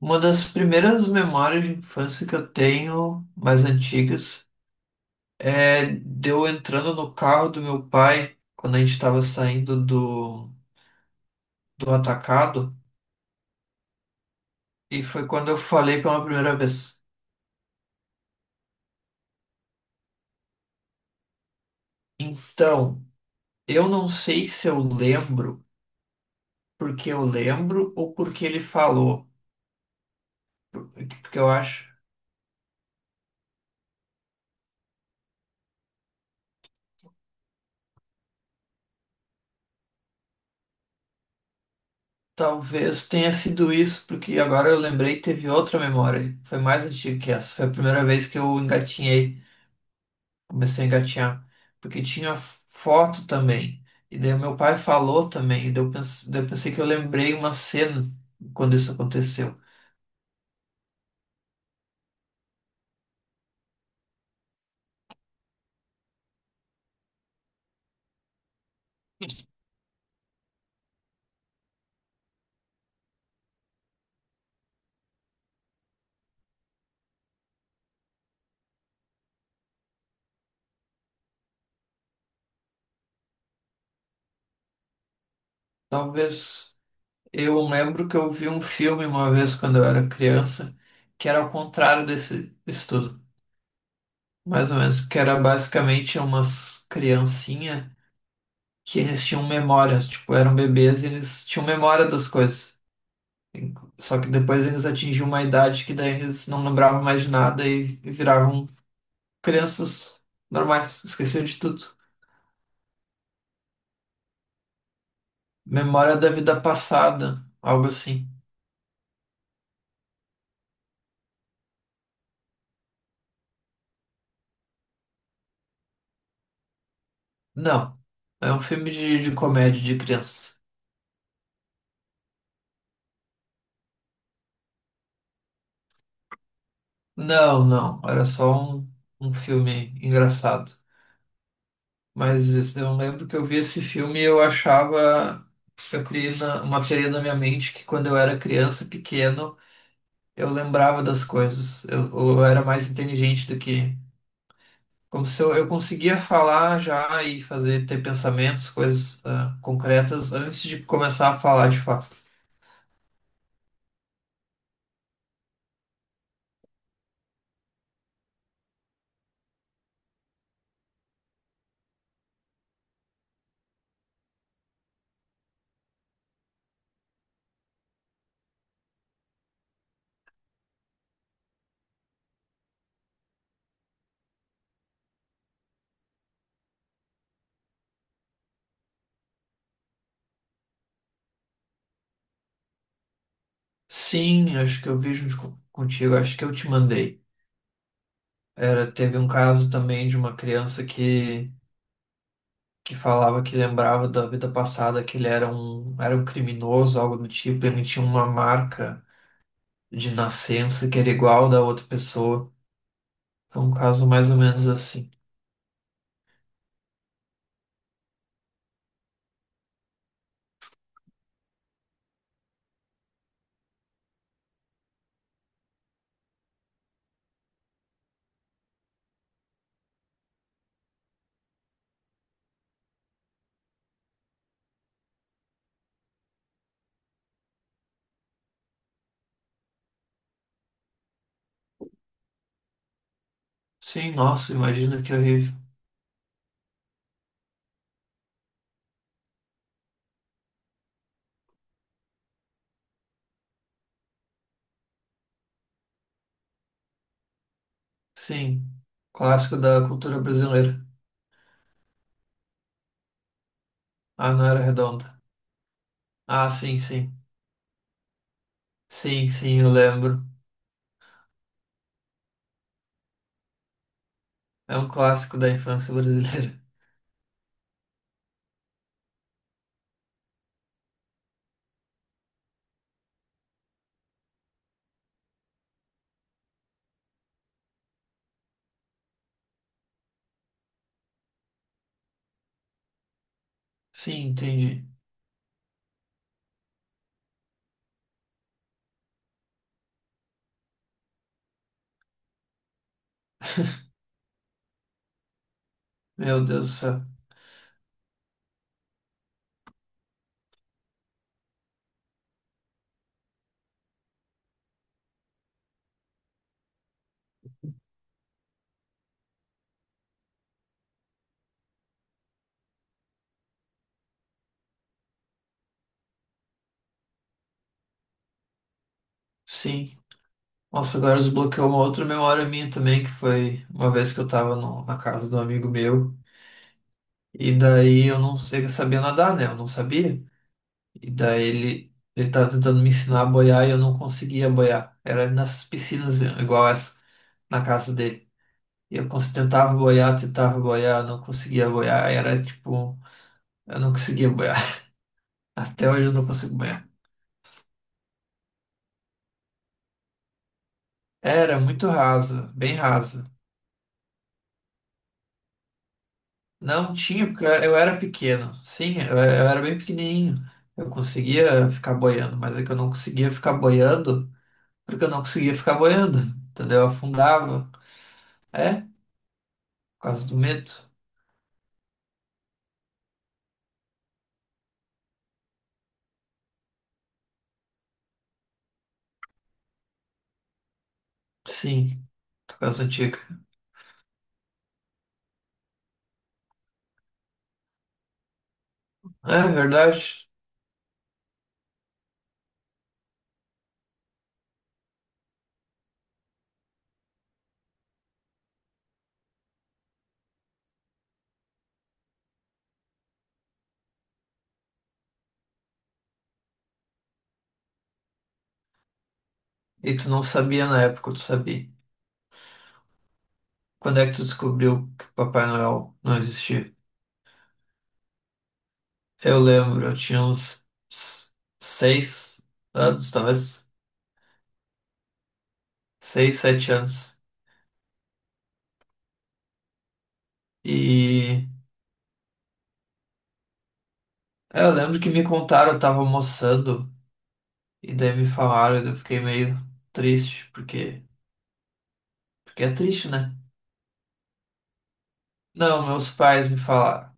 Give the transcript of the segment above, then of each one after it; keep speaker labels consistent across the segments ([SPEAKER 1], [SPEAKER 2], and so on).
[SPEAKER 1] Uma das primeiras memórias de infância que eu tenho, mais antigas, é de eu entrando no carro do meu pai quando a gente estava saindo do atacado, e foi quando eu falei pela primeira vez. Então, eu não sei se eu lembro porque eu lembro ou porque ele falou, porque eu acho. Talvez tenha sido isso, porque agora eu lembrei, teve outra memória. Foi mais antiga que essa. Foi a primeira vez que eu engatinhei. Comecei a engatinhar. Porque tinha foto também. E daí o meu pai falou também. E daí eu pensei que eu lembrei uma cena quando isso aconteceu. Talvez eu lembro que eu vi um filme uma vez quando eu era criança, que era ao contrário desse estudo. Mais ou menos, que era basicamente umas criancinhas que eles tinham memórias, tipo, eram bebês e eles tinham memória das coisas. Só que depois eles atingiam uma idade que daí eles não lembravam mais de nada e viravam crianças normais, esqueceu de tudo. Memória da vida passada, algo assim. Não, é um filme de comédia de criança. Não, era só um, um filme engraçado. Mas esse- eu lembro que eu vi esse filme e eu achava, eu criei na- uma teoria na minha mente que quando eu era criança, pequeno, eu lembrava das coisas. Eu era mais inteligente do que. Como se eu conseguia falar já e fazer, ter pensamentos, coisas, ah, concretas antes de começar a falar de fato. Sim, acho que eu vi junto co- contigo, acho que eu te mandei. Era, teve um caso também de uma criança que falava que lembrava da vida passada que ele era um criminoso, algo do tipo, ele tinha uma marca de nascença que era igual da outra pessoa. Foi um caso mais ou menos assim. Sim, nossa, imagina que horrível. Sim, clássico da cultura brasileira. Ah, não era redonda. Ah, sim, sim. Sim, sim, eu lembro. É um clássico da infância brasileira. Sim, entendi. Meu Deus do céu. Sim. Nossa, agora desbloqueou uma outra memória minha também, que foi uma vez que eu tava no- na casa de um amigo meu. E daí eu não sei, eu sabia nadar, né? Eu não sabia. E daí ele tava tentando me ensinar a boiar e eu não conseguia boiar. Era nas piscinas igual essa, na casa dele. E eu cons- tentava boiar, não conseguia boiar. Era tipo. Eu não conseguia boiar. Até hoje eu não consigo boiar. Era muito raso, bem raso. Não tinha, porque eu era pequeno. Sim, eu era bem pequenininho. Eu conseguia ficar boiando, mas é que eu não conseguia ficar boiando porque eu não conseguia ficar boiando. Entendeu? Eu afundava. É, por causa do medo. Sim, por causa antiga. É verdade. E tu não sabia na época, tu sabia. Quando é que tu descobriu que Papai Noel não existia? Eu lembro, eu tinha uns s- 6 anos, talvez. Seis, 7 anos. E é, eu lembro que me contaram, eu tava almoçando, e daí me falaram, e eu fiquei meio triste, porque, porque é triste, né? Não, meus pais me falaram.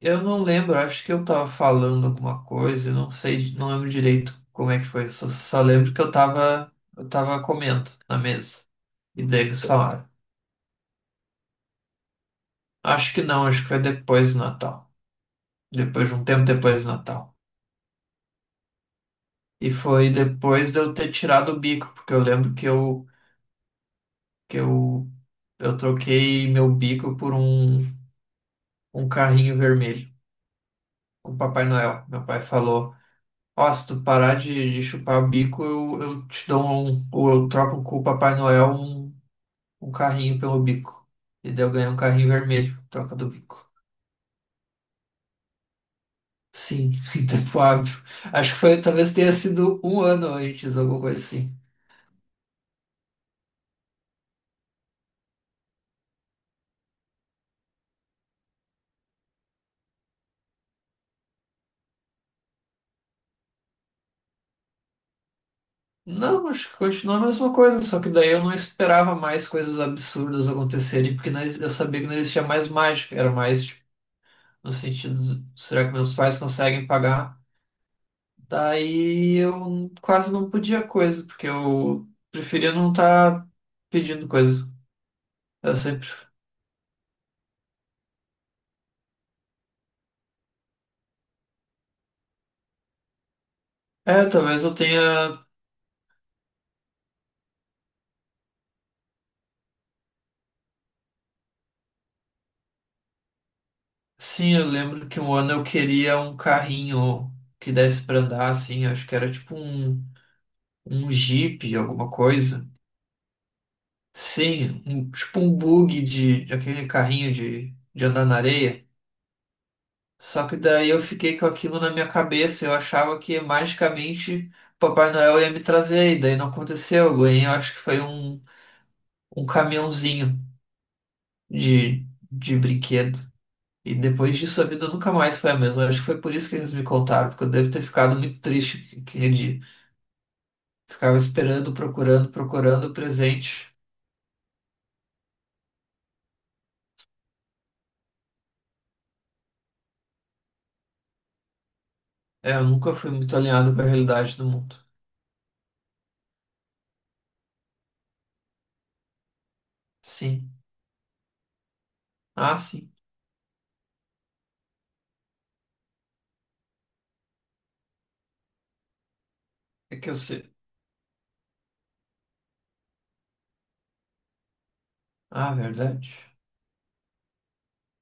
[SPEAKER 1] Eu não lembro, acho que eu tava falando alguma coisa, eu não sei, di- não lembro direito como é que foi, só, só lembro que eu tava comendo na mesa. E daí eles falaram. Acho que não, acho que foi depois do Natal. Depois de um tempo depois do Natal. E foi depois de eu ter tirado o bico, porque eu lembro que que eu, eu troquei meu bico por um, um carrinho vermelho com o Papai Noel. Meu pai falou: Ó, se tu parar de chupar o bico, eu te dou um, ou eu troco com o Papai Noel um, um carrinho pelo bico. E daí eu ganhei um carrinho vermelho, troca do bico. Sim, em tempo hábil. Acho que foi, talvez tenha sido um ano antes, alguma coisa assim. Não, acho que continua a mesma coisa, só que daí eu não esperava mais coisas absurdas acontecerem, porque não ex- eu sabia que não existia mais mágica, era mais tipo, no sentido, do, será que meus pais conseguem pagar? Daí eu quase não podia coisa, porque eu preferia não estar pedindo coisa. Eu sempre. É, talvez eu tenha. Sim, eu lembro que um ano eu queria um carrinho que desse pra andar, assim, acho que era tipo um, um Jeep, alguma coisa. Sim, um, tipo um bug de aquele carrinho de andar na areia. Só que daí eu fiquei com aquilo na minha cabeça. Eu achava que magicamente Papai Noel ia me trazer, e daí não aconteceu. Eu ganhei, eu acho que foi um, um caminhãozinho de, de brinquedo. E depois disso a vida nunca mais foi a mesma. Eu acho que foi por isso que eles me contaram, porque eu devo ter ficado muito triste aquele dia. Ficava esperando, procurando, procurando o presente. É, eu nunca fui muito alinhado com a realidade do mundo. Sim. Ah, sim. É que eu sei. Ah, verdade.